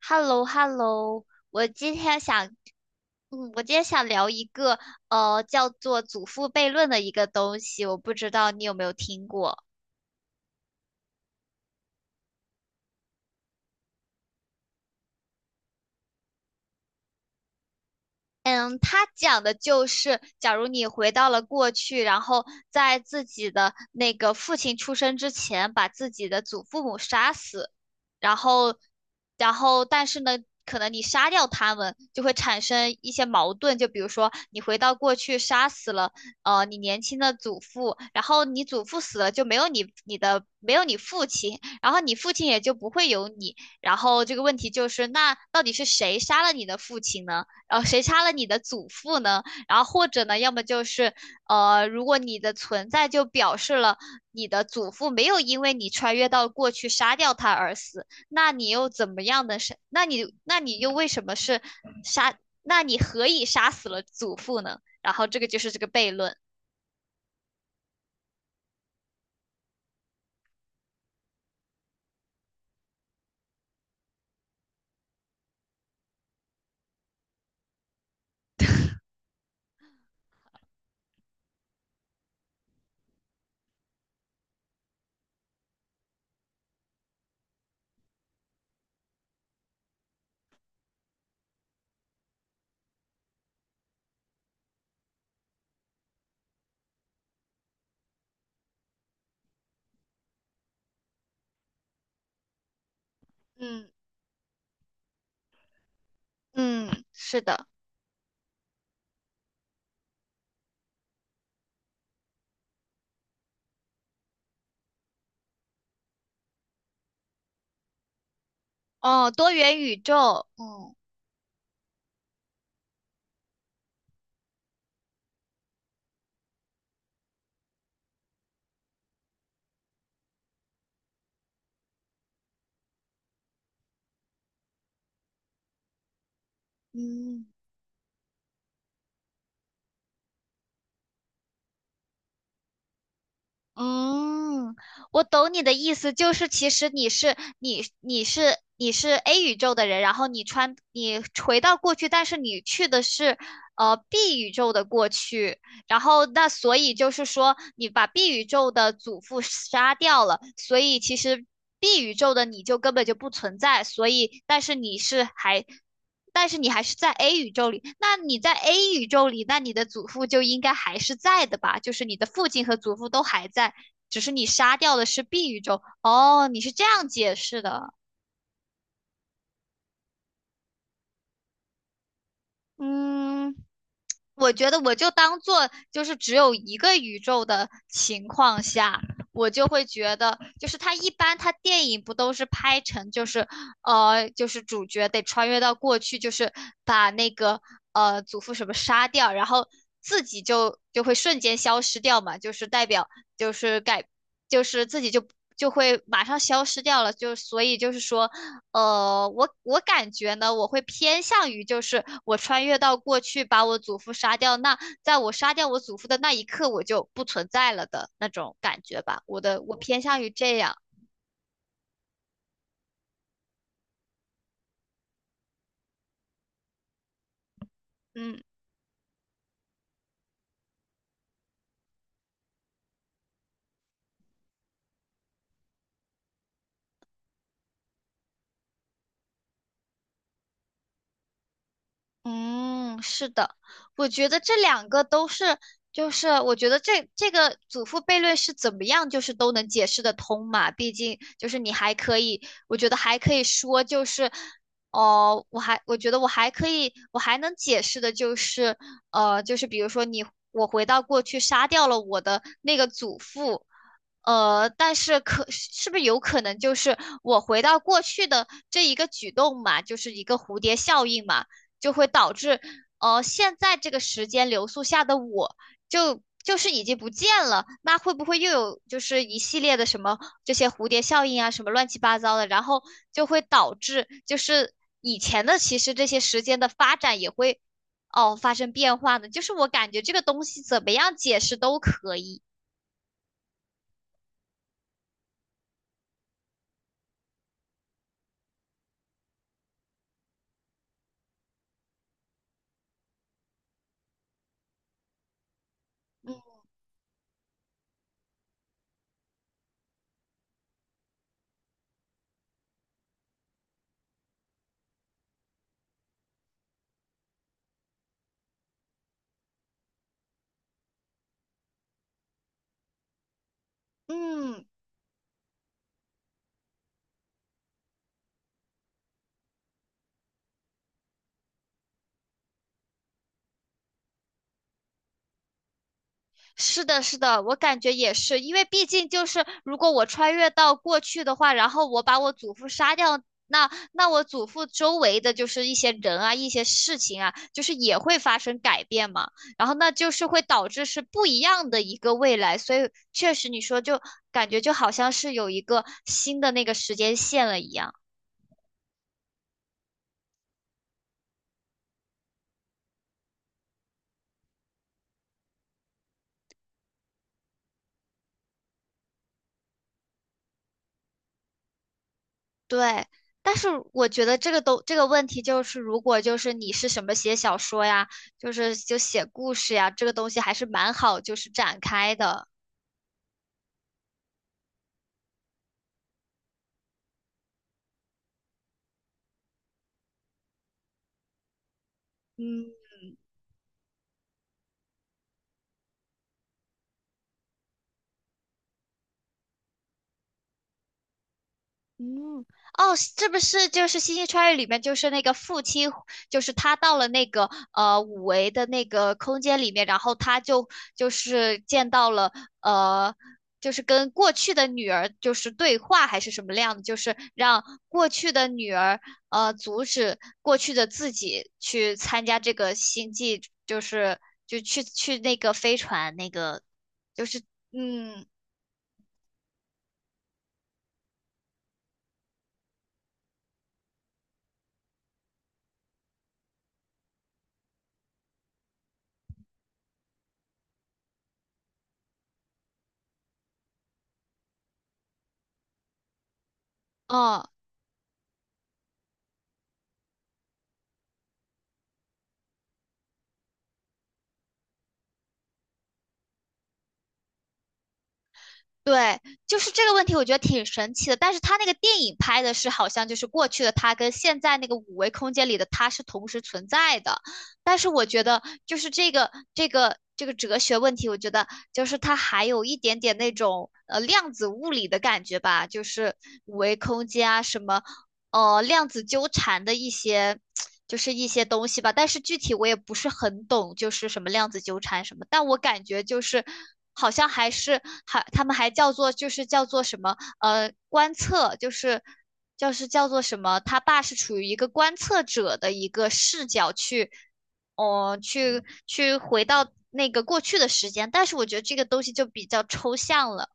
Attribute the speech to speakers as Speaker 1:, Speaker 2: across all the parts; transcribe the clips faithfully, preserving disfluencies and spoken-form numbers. Speaker 1: h e l l o h e l l o 我今天想，嗯，我今天想聊一个呃叫做祖父悖论的一个东西，我不知道你有没有听过。嗯，它讲的就是，假如你回到了过去，然后在自己的那个父亲出生之前，把自己的祖父母杀死，然后，然后，但是呢，可能你杀掉他们，就会产生一些矛盾。就比如说，你回到过去杀死了，呃，你年轻的祖父，然后你祖父死了，就没有你你的没有你父亲，然后你父亲也就不会有你。然后这个问题就是，那到底是谁杀了你的父亲呢？然后谁杀了你的祖父呢？然后或者呢，要么就是，呃，如果你的存在就表示了你的祖父没有因为你穿越到过去杀掉他而死。那你又怎么样的是，那你那你又为什么是杀？那你何以杀死了祖父呢？然后这个就是这个悖论。嗯嗯，是的，哦，多元宇宙，嗯嗯。嗯，我懂你的意思，就是其实你是你你是你是 A 宇宙的人，然后你穿你回到过去，但是你去的是呃 B 宇宙的过去，然后那所以就是说你把 B 宇宙的祖父杀掉了，所以其实 B 宇宙的你就根本就不存在，所以但是你是还但是你还是在 A 宇宙里，那你在 A 宇宙里，那你的祖父就应该还是在的吧？就是你的父亲和祖父都还在，只是你杀掉的是 B 宇宙。哦，你是这样解释的。嗯，我觉得我就当做就是只有一个宇宙的情况下，我就会觉得，就是他一般他电影不都是拍成就是呃就是主角得穿越到过去，就是把那个呃祖父什么杀掉，然后自己就就会瞬间消失掉嘛，就是代表就是改就是自己就。就会马上消失掉了，就所以就是说，呃，我我感觉呢，我会偏向于就是我穿越到过去把我祖父杀掉那，在我杀掉我祖父的那一刻，我就不存在了的那种感觉吧。我的，我偏向于这样，嗯。嗯，是的，我觉得这两个都是，就是我觉得这这个祖父悖论是怎么样，就是都能解释得通嘛。毕竟就是你还可以，我觉得还可以说就是，哦，我还我觉得我还可以，我还能解释的就是，呃，就是比如说你我回到过去杀掉了我的那个祖父，呃，但是可是不是有可能就是我回到过去的这一个举动嘛，就是一个蝴蝶效应嘛。就会导致，哦，现在这个时间流速下的我就就是已经不见了，那会不会又有就是一系列的什么这些蝴蝶效应啊，什么乱七八糟的，然后就会导致就是以前的其实这些时间的发展也会哦发生变化呢？就是我感觉这个东西怎么样解释都可以。嗯嗯，是的，是的，我感觉也是，因为毕竟就是如果我穿越到过去的话，然后我把我祖父杀掉，那那我祖父周围的就是一些人啊，一些事情啊，就是也会发生改变嘛，然后那就是会导致是不一样的一个未来，所以确实你说就感觉就好像是有一个新的那个时间线了一样。对，但是我觉得这个都这个问题就是，如果就是你是什么写小说呀，就是就写故事呀，这个东西还是蛮好就是展开的。嗯。嗯，哦，是不是就是《星际穿越》里面就是那个父亲，就是他到了那个呃五维的那个空间里面，然后他就就是见到了呃，就是跟过去的女儿就是对话还是什么样的，就是让过去的女儿呃阻止过去的自己去参加这个星际，就是就去去那个飞船那个就是嗯。哦，对，就是这个问题，我觉得挺神奇的。但是他那个电影拍的是，好像就是过去的他跟现在那个五维空间里的他是同时存在的。但是我觉得，就是这个这个这个哲学问题，我觉得就是它还有一点点那种呃量子物理的感觉吧，就是五维空间啊，什么呃量子纠缠的一些，就是一些东西吧。但是具体我也不是很懂，就是什么量子纠缠什么。但我感觉就是好像还是还他们还叫做就是叫做什么呃观测，就是就是叫做什么，他爸是处于一个观测者的一个视角去，哦、去去回到那个过去的时间。但是我觉得这个东西就比较抽象了。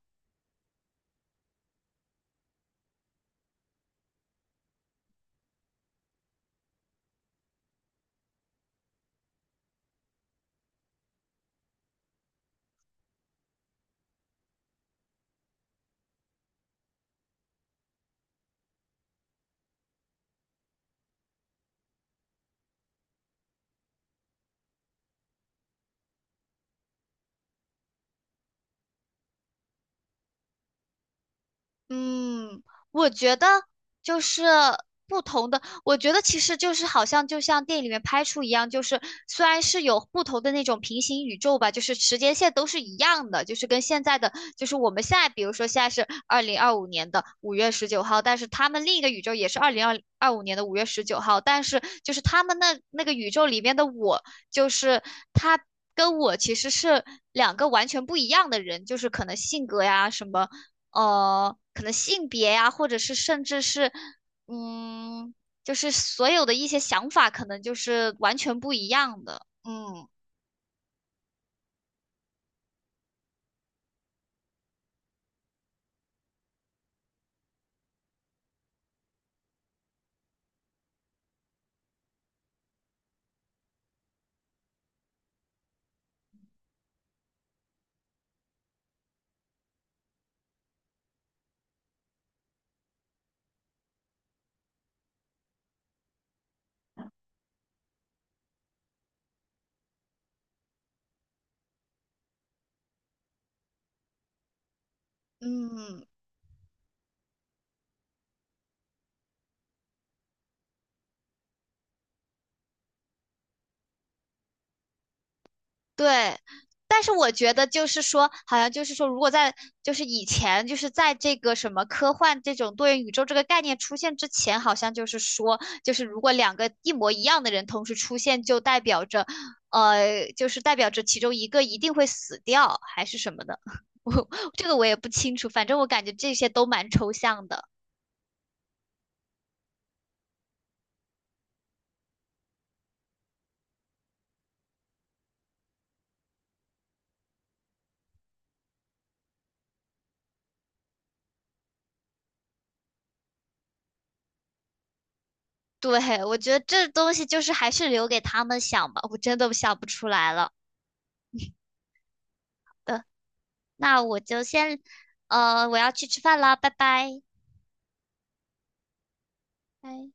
Speaker 1: 嗯，我觉得就是不同的，我觉得其实就是好像就像电影里面拍出一样，就是虽然是有不同的那种平行宇宙吧，就是时间线都是一样的，就是跟现在的，就是我们现在比如说现在是二零二五年的五月十九号，但是他们另一个宇宙也是二零二二五年的五月十九号，但是就是他们那那个宇宙里面的我，就是他。跟我其实是两个完全不一样的人，就是可能性格呀什么，呃，可能性别呀、或者是甚至是，嗯，就是所有的一些想法，可能就是完全不一样的。嗯嗯，对，但是我觉得就是说，好像就是说，如果在就是以前，就是在这个什么科幻这种多元宇宙这个概念出现之前，好像就是说，就是如果两个一模一样的人同时出现，就代表着，呃，就是代表着其中一个一定会死掉，还是什么的。我这个我也不清楚，反正我感觉这些都蛮抽象的。对，我觉得这东西就是还是留给他们想吧，我真的想不出来了。嗯那我就先，呃，我要去吃饭了，拜拜。拜。